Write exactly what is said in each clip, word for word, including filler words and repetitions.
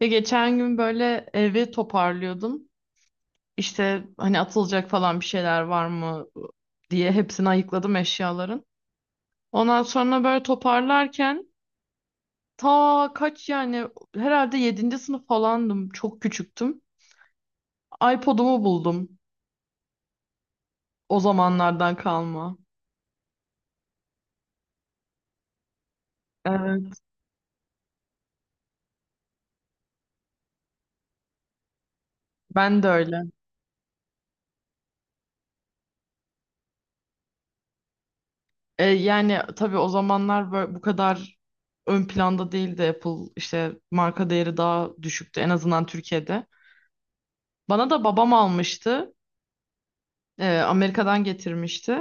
Ya geçen gün böyle evi toparlıyordum. İşte hani atılacak falan bir şeyler var mı diye hepsini ayıkladım eşyaların. Ondan sonra böyle toparlarken ta kaç yani herhalde yedinci sınıf falandım. Çok küçüktüm. iPod'umu buldum. O zamanlardan kalma. Evet. Ben de öyle. E, yani tabii o zamanlar böyle bu kadar ön planda değildi Apple. İşte marka değeri daha düşüktü en azından Türkiye'de. Bana da babam almıştı. E, Amerika'dan getirmişti.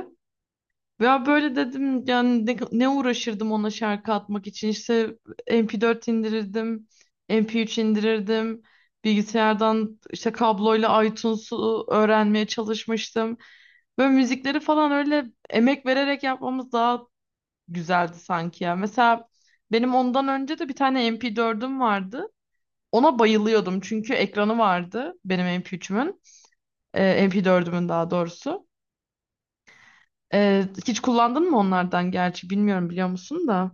Ya böyle dedim yani ne, ne uğraşırdım ona şarkı atmak için işte M P dört indirirdim, M P üç indirirdim, bilgisayardan işte kabloyla iTunes'u öğrenmeye çalışmıştım. Böyle müzikleri falan öyle emek vererek yapmamız daha güzeldi sanki ya. Mesela benim ondan önce de bir tane M P dörtüm vardı. Ona bayılıyordum çünkü ekranı vardı benim M P üçümün, e, M P dörtümün daha doğrusu. Ee, hiç kullandın mı onlardan gerçi bilmiyorum biliyor musun da.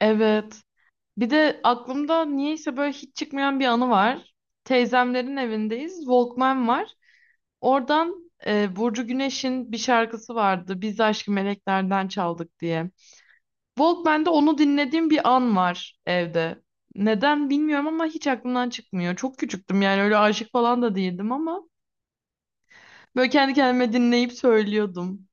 Evet. Bir de aklımda niyeyse böyle hiç çıkmayan bir anı var. Teyzemlerin evindeyiz. Walkman var. Oradan e, Burcu Güneş'in bir şarkısı vardı. Biz Aşkı Meleklerden Çaldık diye. Walkman'de onu dinlediğim bir an var evde. Neden bilmiyorum ama hiç aklımdan çıkmıyor. Çok küçüktüm yani öyle aşık falan da değildim ama böyle kendi kendime dinleyip söylüyordum.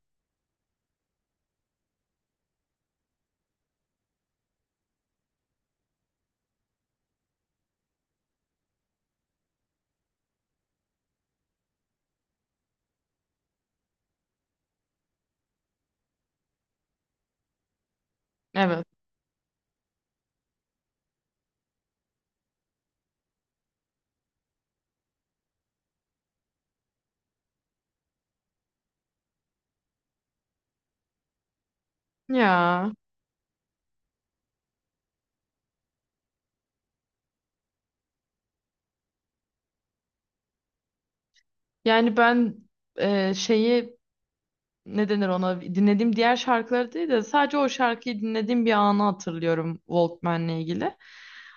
Evet. Ya. Yani ben e, şeyi ne denir ona dinlediğim diğer şarkıları değil de sadece o şarkıyı dinlediğim bir anı hatırlıyorum Walkman'le ilgili.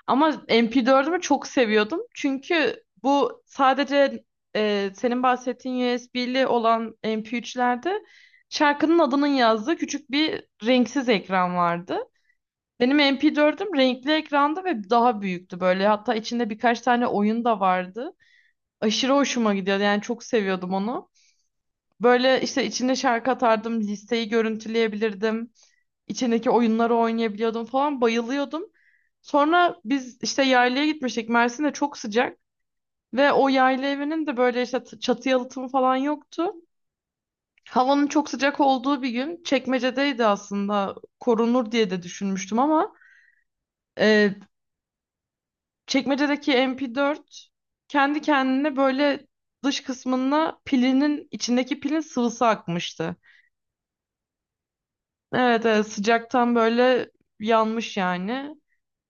Ama M P dörtümü çok seviyordum. Çünkü bu sadece e, senin bahsettiğin U S B'li olan M P üçlerde şarkının adının yazdığı küçük bir renksiz ekran vardı. Benim M P dörtüm renkli ekranda ve daha büyüktü böyle. Hatta içinde birkaç tane oyun da vardı. Aşırı hoşuma gidiyordu. Yani çok seviyordum onu. Böyle işte içinde şarkı atardım, listeyi görüntüleyebilirdim, içindeki oyunları oynayabiliyordum falan bayılıyordum. Sonra biz işte yaylaya gitmiştik. Mersin'de çok sıcak ve o yayla evinin de böyle işte t- çatı yalıtımı falan yoktu. Havanın çok sıcak olduğu bir gün Çekmece'deydi aslında. Korunur diye de düşünmüştüm ama e, Çekmece'deki M P dört kendi kendine böyle dış kısmına pilinin içindeki pilin sıvısı akmıştı. Evet evet sıcaktan böyle yanmış yani.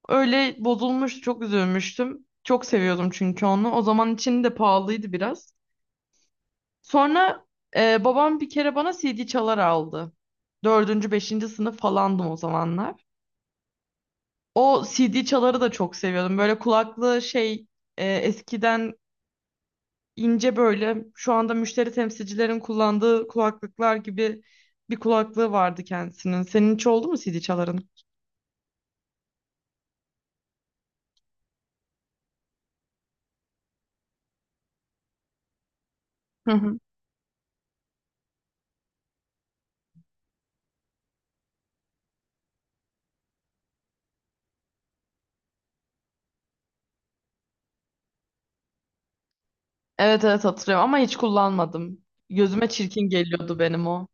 Öyle bozulmuş çok üzülmüştüm. Çok seviyordum çünkü onu. O zaman için de pahalıydı biraz. Sonra e, babam bir kere bana C D çalar aldı. Dördüncü, beşinci sınıf falandım o zamanlar. O C D çaları da çok seviyordum. Böyle kulaklı şey e, eskiden ince böyle şu anda müşteri temsilcilerin kullandığı kulaklıklar gibi bir kulaklığı vardı kendisinin. Senin hiç oldu mu C D çaların? Evet evet hatırlıyorum ama hiç kullanmadım. Gözüme çirkin geliyordu benim o.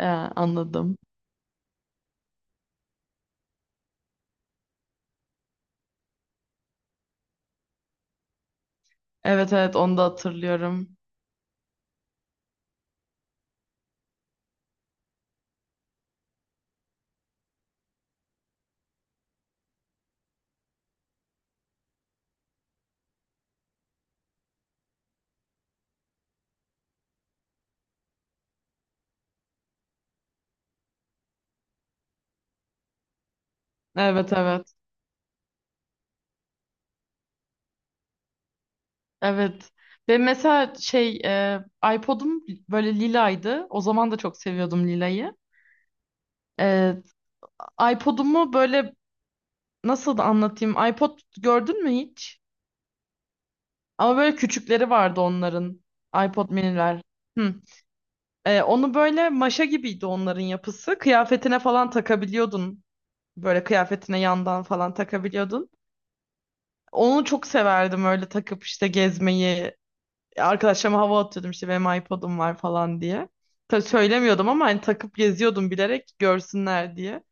Ee, anladım. Evet evet onu da hatırlıyorum. Evet evet. Evet. Ve mesela şey e, iPod'um böyle lilaydı. O zaman da çok seviyordum lilayı. Ee, iPod'umu böyle nasıl da anlatayım? iPod gördün mü hiç? Ama böyle küçükleri vardı onların. iPod miniler. Hı. Ee, onu böyle maşa gibiydi onların yapısı. Kıyafetine falan takabiliyordun. Böyle kıyafetine yandan falan takabiliyordun. Onu çok severdim öyle takıp işte gezmeyi. Arkadaşlarıma hava atıyordum işte benim iPod'um var falan diye. Tabii söylemiyordum ama hani takıp geziyordum bilerek görsünler diye.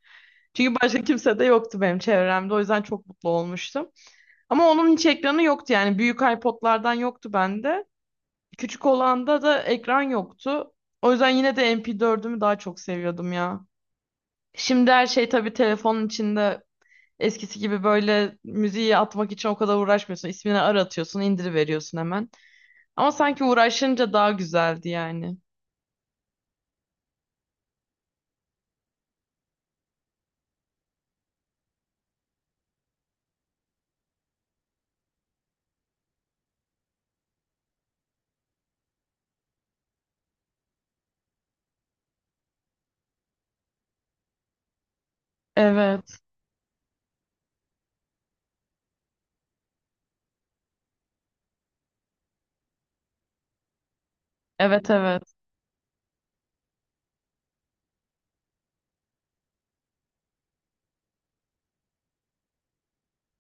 Çünkü başka kimse de yoktu benim çevremde. O yüzden çok mutlu olmuştum. Ama onun hiç ekranı yoktu yani. Büyük iPod'lardan yoktu bende. Küçük olanda da ekran yoktu. O yüzden yine de M P dörtümü daha çok seviyordum ya. Şimdi her şey tabii telefonun içinde. Eskisi gibi böyle müziği atmak için o kadar uğraşmıyorsun. İsmini aratıyorsun, indiriveriyorsun hemen. Ama sanki uğraşınca daha güzeldi yani. Evet. Evet evet.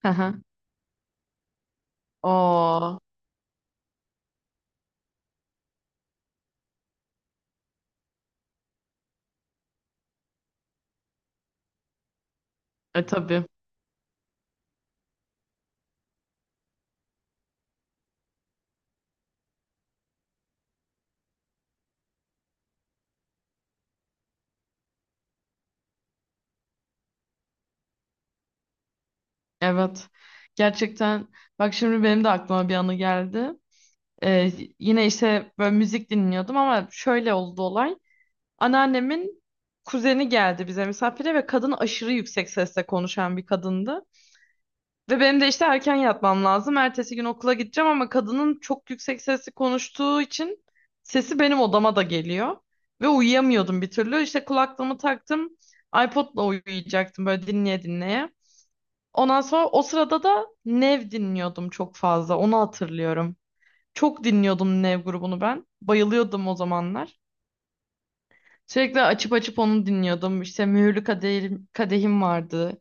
Hı hı. Oo. E tabii. Evet. Gerçekten bak şimdi benim de aklıma bir anı geldi. Ee, Yine işte böyle müzik dinliyordum ama şöyle oldu olay. Anneannemin kuzeni geldi bize misafire ve kadın aşırı yüksek sesle konuşan bir kadındı. Ve benim de işte erken yatmam lazım. Ertesi gün okula gideceğim ama kadının çok yüksek sesli konuştuğu için sesi benim odama da geliyor. Ve uyuyamıyordum bir türlü. İşte kulaklığımı taktım. iPod'la uyuyacaktım böyle dinleye dinleye. Ondan sonra o sırada da Nev dinliyordum çok fazla. Onu hatırlıyorum. Çok dinliyordum Nev grubunu ben. Bayılıyordum o zamanlar. Sürekli açıp açıp onu dinliyordum. İşte Mühürlü Kadehim, Kadehim vardı.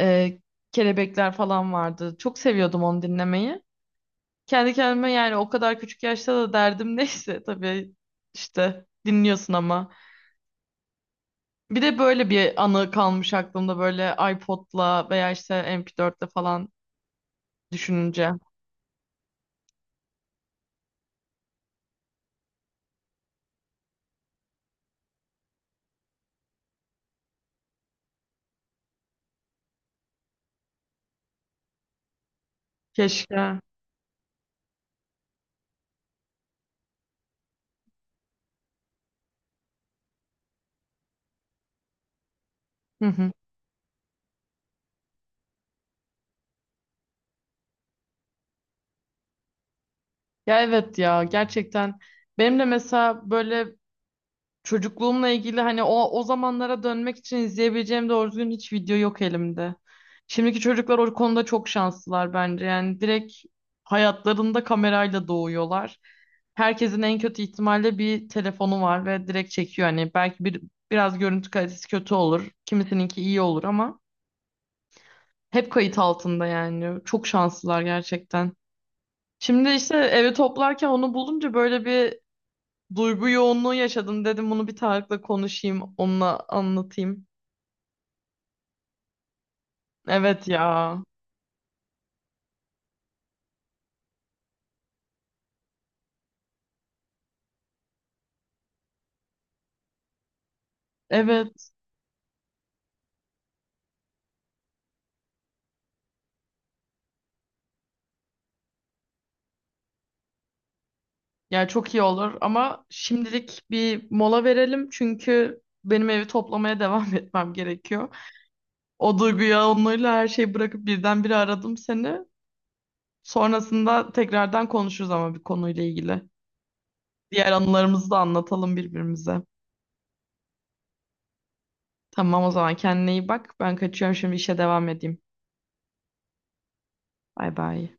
Ee, Kelebekler falan vardı. Çok seviyordum onu dinlemeyi. Kendi kendime yani o kadar küçük yaşta da derdim neyse tabii işte dinliyorsun ama. Bir de böyle bir anı kalmış aklımda böyle iPod'la veya işte M P dörtle falan düşününce. Keşke. Hı hı. Ya evet ya gerçekten benim de mesela böyle çocukluğumla ilgili hani o o zamanlara dönmek için izleyebileceğim doğru düzgün hiç video yok elimde. Şimdiki çocuklar o konuda çok şanslılar bence. Yani direkt hayatlarında kamerayla doğuyorlar. Herkesin en kötü ihtimalle bir telefonu var ve direkt çekiyor. Hani belki bir biraz görüntü kalitesi kötü olur. Kimisininki iyi olur ama hep kayıt altında yani. Çok şanslılar gerçekten. Şimdi işte evi toplarken onu bulunca böyle bir duygu yoğunluğu yaşadım dedim bunu bir Tarık'la konuşayım, onunla anlatayım. Evet ya. Evet. Yani çok iyi olur ama şimdilik bir mola verelim çünkü benim evi toplamaya devam etmem gerekiyor. O duygu yoğunluğuyla her şeyi bırakıp birdenbire aradım seni. Sonrasında tekrardan konuşuruz ama bir konuyla ilgili. Diğer anılarımızı da anlatalım birbirimize. Tamam o zaman kendine iyi bak. Ben kaçıyorum şimdi işe devam edeyim. Bay bay.